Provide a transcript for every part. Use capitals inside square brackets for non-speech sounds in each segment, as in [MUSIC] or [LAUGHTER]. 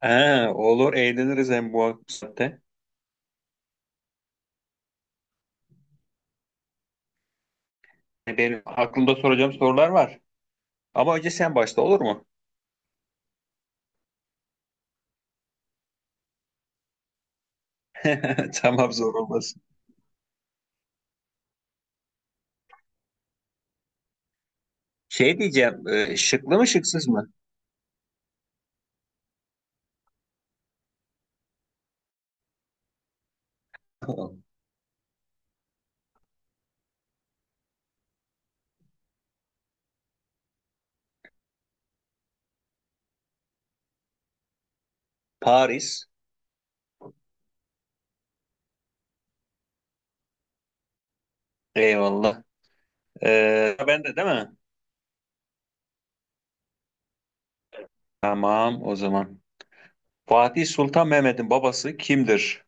Ha, olur eğleniriz hem bu saatte. Hani benim aklımda soracağım sorular var. Ama önce sen başla, olur mu? [LAUGHS] Tamam, zor olmasın. Şey diyeceğim, şıklı mı şıksız mı? [LAUGHS] Paris. Eyvallah. Ben de değil mi? Tamam, o zaman. Fatih Sultan Mehmet'in babası kimdir?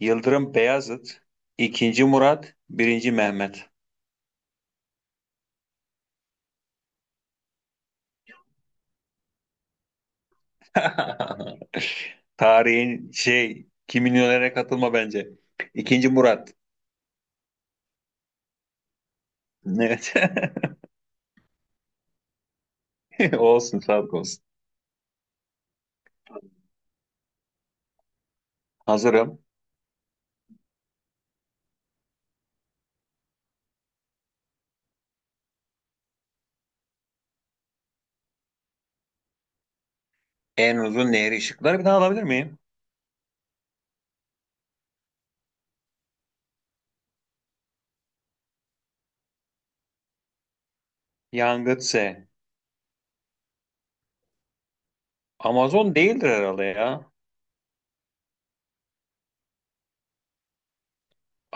Yıldırım Beyazıt, ikinci Murat, birinci Mehmet. [LAUGHS] Tarihin Kim Milyonere katılma bence. İkinci Murat. Evet. [LAUGHS] [LAUGHS] Olsun, sağlık olsun. Hazırım. En uzun nehir, ışıkları bir daha alabilir miyim? Yangtze. Amazon değildir herhalde ya.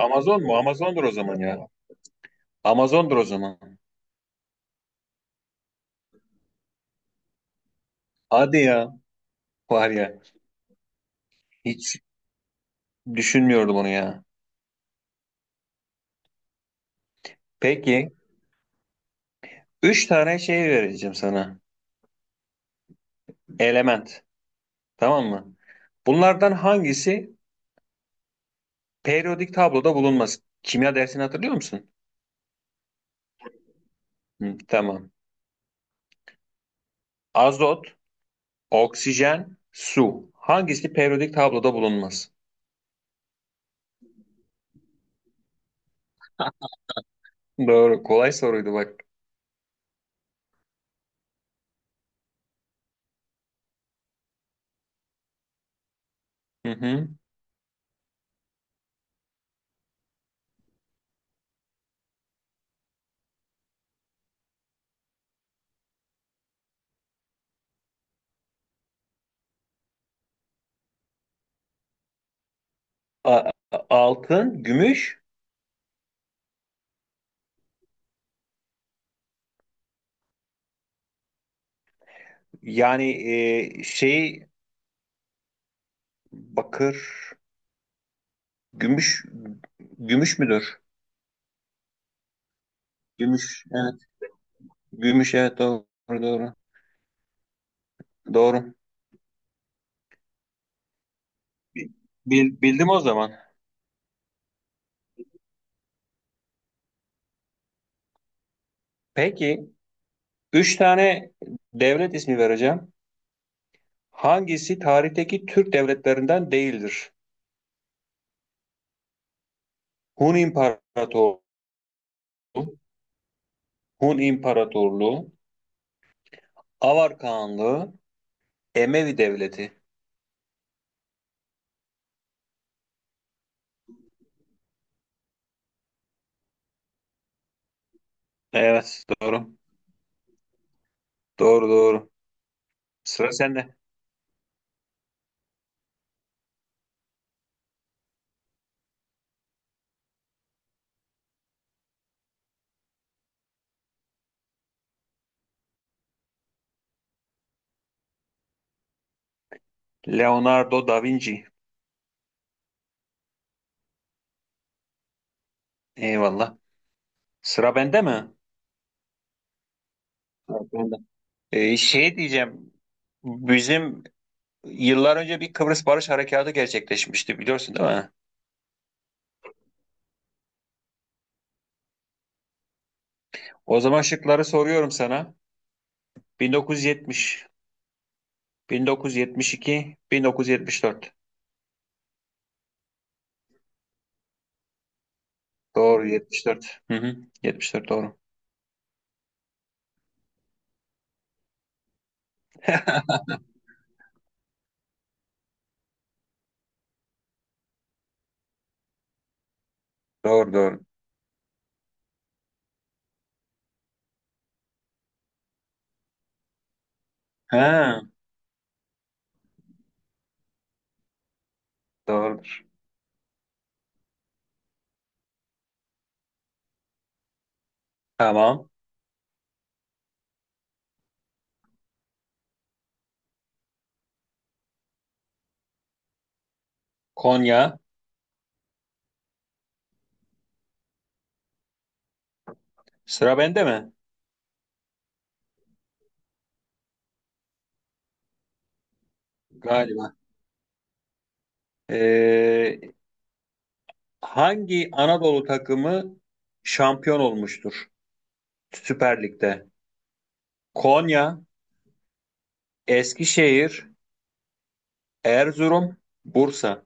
Amazon mu? Amazondur o zaman ya. Amazondur o zaman. Hadi ya. Var ya. Hiç düşünmüyordum onu ya. Peki. Üç tane şey vereceğim sana. Element. Tamam mı? Bunlardan hangisi periyodik tabloda bulunmaz? Kimya dersini hatırlıyor musun? Hı, tamam. Azot, oksijen, su. Hangisi periyodik tabloda bulunmaz? Doğru. Kolay soruydu bak. Hı hı. Altın, gümüş, yani e, şey bakır, gümüş, gümüş müdür? Gümüş. Evet. Gümüş, evet. Doğru, doğru. Doğru. Bildim o zaman. Peki, üç tane devlet ismi vereceğim. Hangisi tarihteki Türk devletlerinden değildir? Hun İmparatorluğu, Hun İmparatorluğu, Avar Kağanlığı, Emevi Devleti. Evet, doğru. Doğru, doğru. Sıra sende. Leonardo da Vinci. Eyvallah. Sıra bende mi? Evet, bende. Şey diyeceğim. Bizim yıllar önce bir Kıbrıs Barış Harekatı gerçekleşmişti, biliyorsun değil mi? O zaman şıkları soruyorum sana. 1970, 1972, 1974. Doğru, 74. Hı hı. 74 doğru. Doğru, doğru. Ha, doğrudur. Tamam. Konya. Sıra bende mi? Galiba. Ee, Hangi Anadolu takımı şampiyon olmuştur Süper Lig'de? Konya, Eskişehir, Erzurum, Bursa.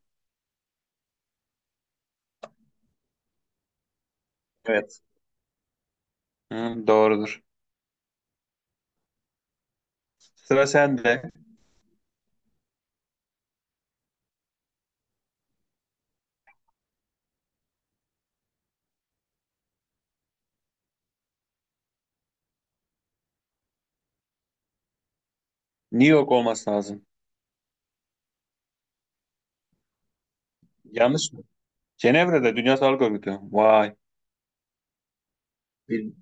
Evet. Hı, doğrudur. Sıra sende. New York olması lazım. Yanlış mı? Cenevre'de Dünya Sağlık Örgütü. Vay. Bir-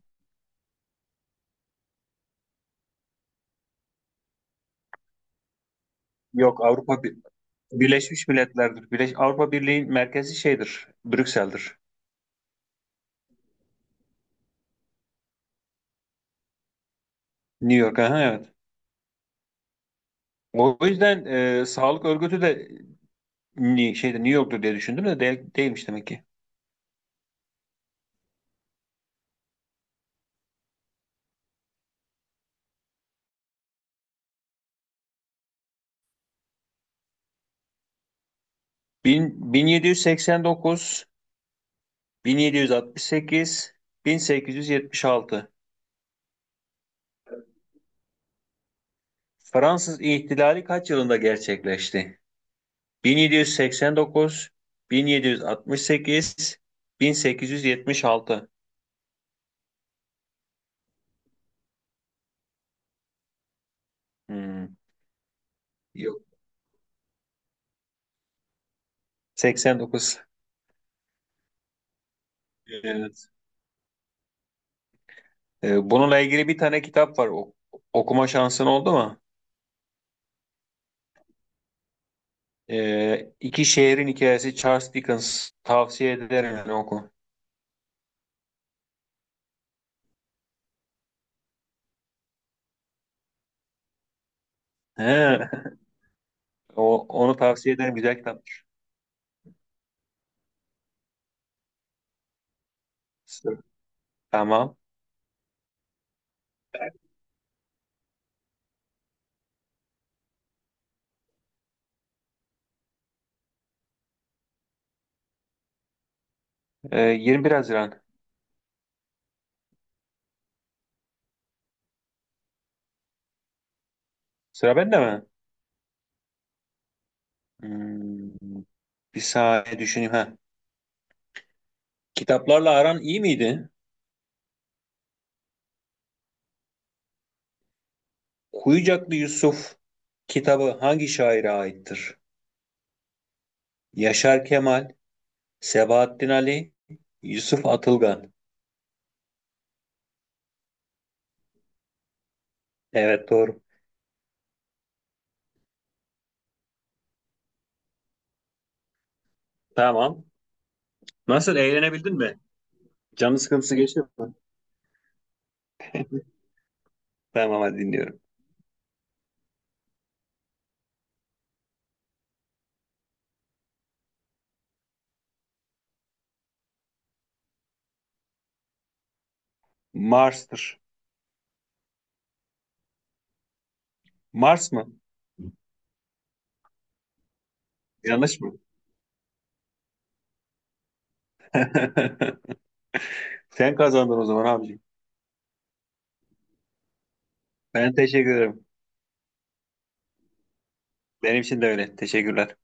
Yok, Birleşmiş Milletler'dir. Avrupa Birliği'nin merkezi şeydir. Brüksel'dir. New York. Aha, evet. O yüzden Sağlık Örgütü de şeyde New York'tur diye düşündüm de değilmiş demek ki. 1789, 1768, 1876. Fransız İhtilali kaç yılında gerçekleşti? 1789, 1768, 1876. Hmm. Yok. 89. Evet. Bununla ilgili bir tane kitap var. Okuma şansın oldu mu? İki Şehrin Hikayesi, Charles Dickens. Tavsiye ederim, yani oku. He. [LAUGHS] Onu tavsiye ederim. Güzel kitap. Tamam. 21 Haziran. Sıra bende mi? Hmm, bir saniye düşüneyim. Ha. Kitaplarla aran iyi miydi? Kuyucaklı Yusuf kitabı hangi şaire aittir? Yaşar Kemal, Sebahattin Ali, Yusuf Atılgan. Evet, doğru. Tamam. Nasıl, eğlenebildin mi? Canın sıkıntısı geçti mi? Tamam, hadi dinliyorum. Mars'tır. Mars mı? Yanlış mı? [LAUGHS] Sen kazandın o zaman abiciğim. Ben teşekkür ederim. Benim için de öyle. Teşekkürler.